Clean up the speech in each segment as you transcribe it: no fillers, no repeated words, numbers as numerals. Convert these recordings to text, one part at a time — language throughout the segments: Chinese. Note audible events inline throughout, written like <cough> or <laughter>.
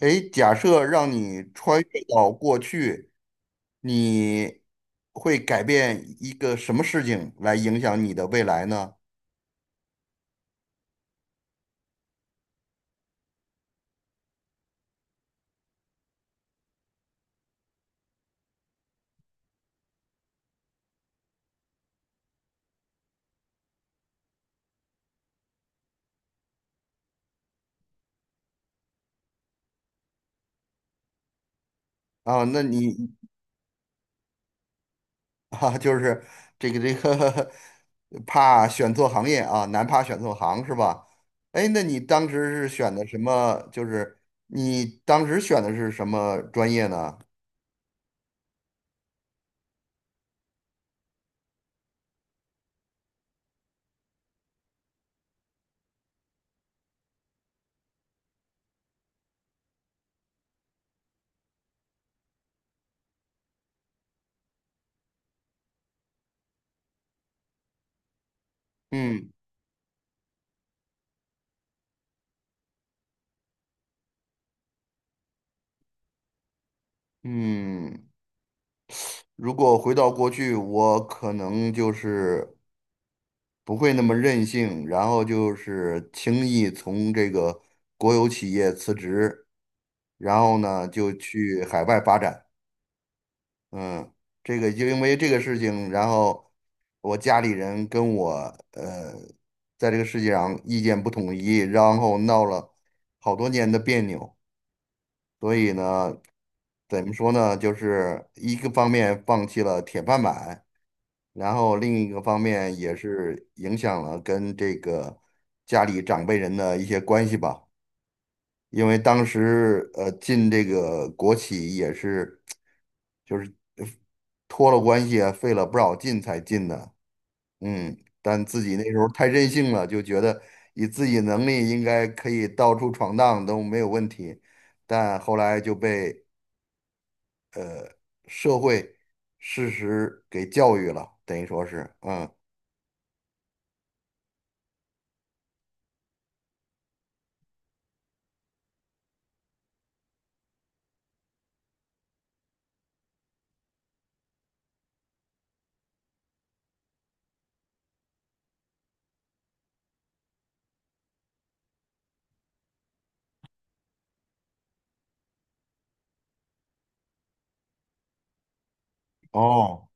诶，假设让你穿越到过去，你会改变一个什么事情来影响你的未来呢？啊，那你 <laughs> 啊，就是这个 <laughs> 怕选错行业啊，难怕选错行是吧？诶，那你当时是选的什么？就是你当时选的是什么专业呢？嗯嗯，如果回到过去，我可能就是。不会那么任性，然后就是轻易从这个国有企业辞职，然后呢就去海外发展。嗯，这个就因为这个事情，然后我家里人跟我呃在这个世界上意见不统一，然后闹了好多年的别扭，所以呢，怎么说呢，就是一个方面放弃了铁饭碗。然后另一个方面也是影响了跟这个家里长辈人的一些关系吧。因为当时进这个国企也是，就是呃托了关系啊，费了不少劲才进的。嗯，但自己那时候太任性了，就觉得以自己能力应该可以到处闯荡都没有问题。但后来就被社会事实给教育了，等于说是，嗯，哦，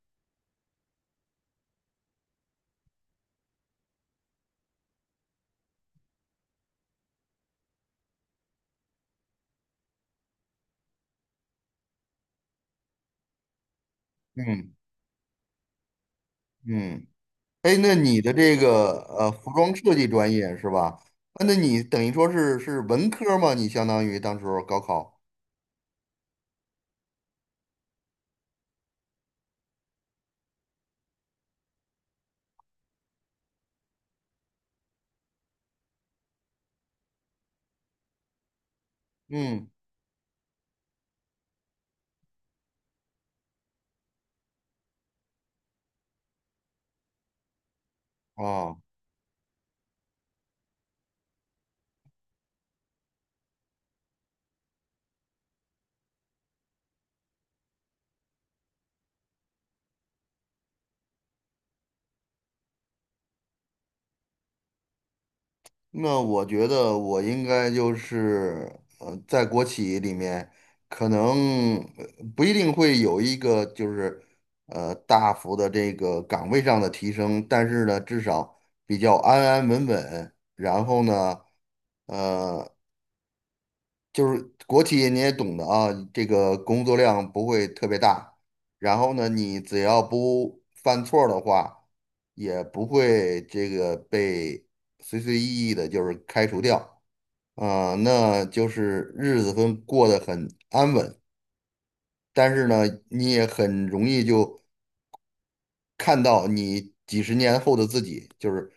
嗯嗯。哎，那你的这个服装设计专业是吧？啊，那你等于说是是文科吗？你相当于当时候高考，嗯，啊，那我觉得我应该就是在国企里面，可能不一定会有一个就是大幅的这个岗位上的提升，但是呢，至少比较安安稳稳，然后呢。呃。就是国企你也懂的啊，这个工作量不会特别大，然后呢，你只要不犯错儿的话，也不会这个被随随意意的就是开除掉啊，那就是日子会过得很安稳，但是呢，你也很容易就看到你几十年后的自己，就是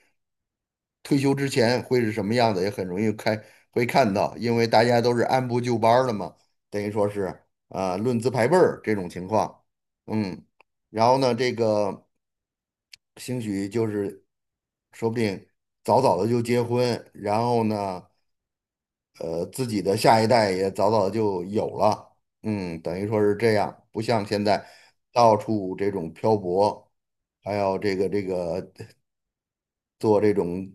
退休之前会是什么样子，也很容易开会看到，因为大家都是按部就班儿的嘛，等于说是啊、论资排辈儿这种情况，嗯，然后呢，这个兴许就是说不定早早的就结婚，然后呢，自己的下一代也早早就有了，嗯，等于说是这样，不像现在到处这种漂泊，还有这个做这种。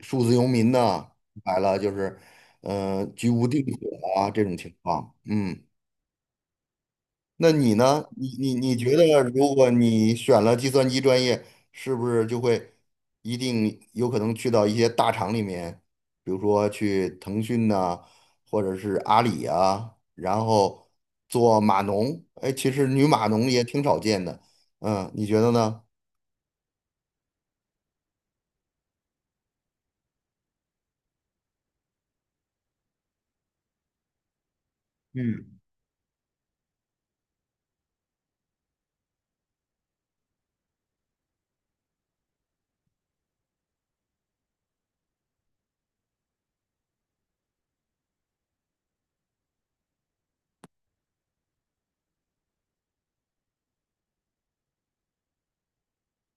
数字游民呢，来了就是，居无定所啊这种情况。嗯，那你呢？你觉得，如果你选了计算机专业，是不是就会一定有可能去到一些大厂里面，比如说去腾讯呐、或者是阿里啊，然后做码农？哎，其实女码农也挺少见的。嗯，你觉得呢？嗯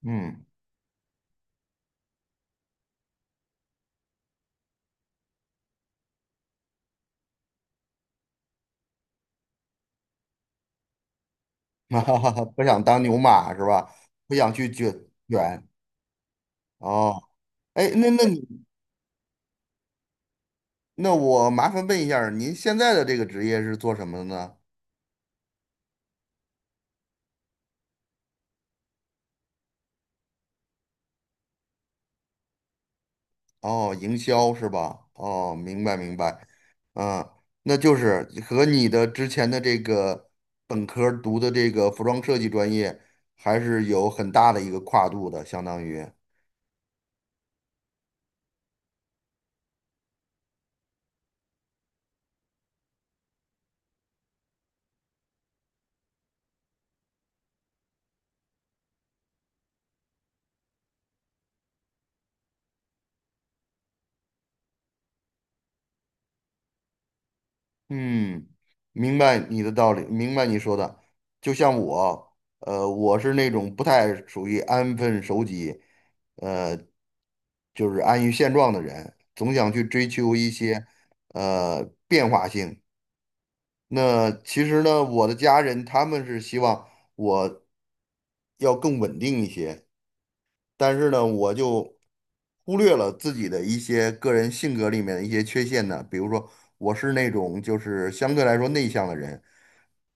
嗯，<laughs> 哈哈哈，不想当牛马是吧？不想去卷。哦，哎，那你那我麻烦问一下儿您现在的这个职业是做什么的呢？哦，营销是吧？哦，明白明白，嗯，那就是和你的之前的这个本科儿读的这个服装设计专业还是有很大的一个跨度的，相当于，嗯，明白你的道理，明白你说的，就像我，我是那种不太属于安分守己。呃，就是安于现状的人，总想去追求一些变化性。那其实呢，我的家人他们是希望我要更稳定一些，但是呢，我就忽略了自己的一些个人性格里面的一些缺陷呢，比如说我是那种就是相对来说内向的人，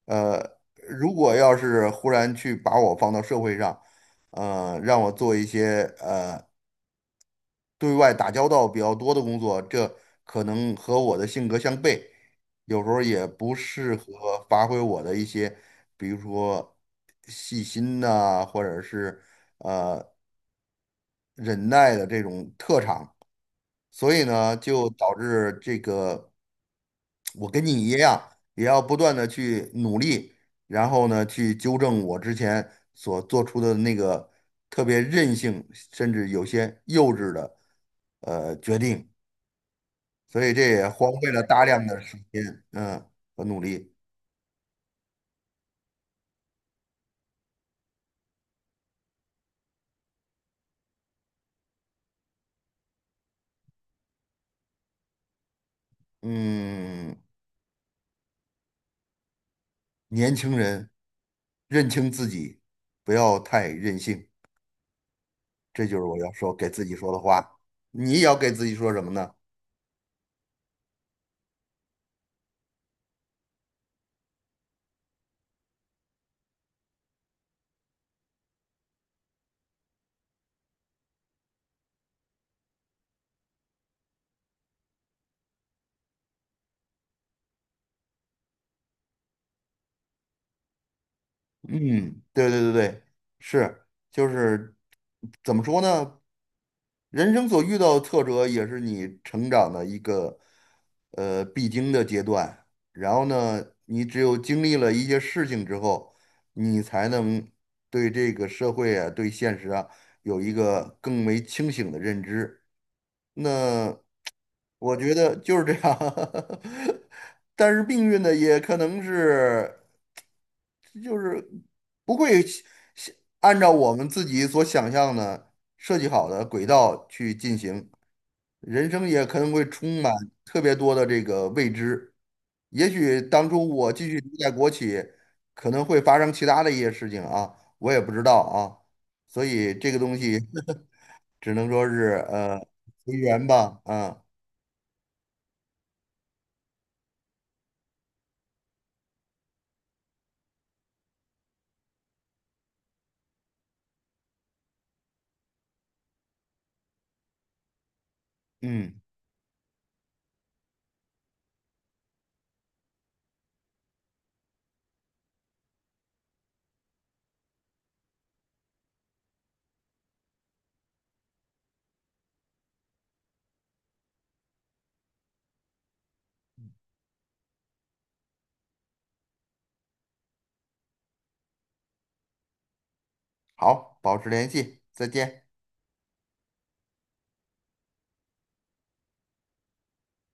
呃，如果要是忽然去把我放到社会上，让我做一些对外打交道比较多的工作，这可能和我的性格相悖，有时候也不适合发挥我的一些，比如说细心呐、或者是呃忍耐的这种特长，所以呢，就导致这个我跟你一样，也要不断的去努力，然后呢，去纠正我之前所做出的那个特别任性，甚至有些幼稚的决定。所以这也荒废了大量的时间，嗯，和努力。嗯，年轻人认清自己，不要太任性，这就是我要说给自己说的话。你也要给自己说什么呢？嗯，对对对对，是，就是怎么说呢？人生所遇到的挫折也是你成长的一个必经的阶段。然后呢，你只有经历了一些事情之后，你才能对这个社会啊、对现实啊有一个更为清醒的认知。那我觉得就是这样，<laughs> 但是命运呢，也可能是就是不会想按照我们自己所想象的设计好的轨道去进行，人生也可能会充满特别多的这个未知。也许当初我继续留在国企，可能会发生其他的一些事情啊，我也不知道啊，所以这个东西 <laughs> 只能说是随缘吧，啊，嗯。好，保持联系，再见。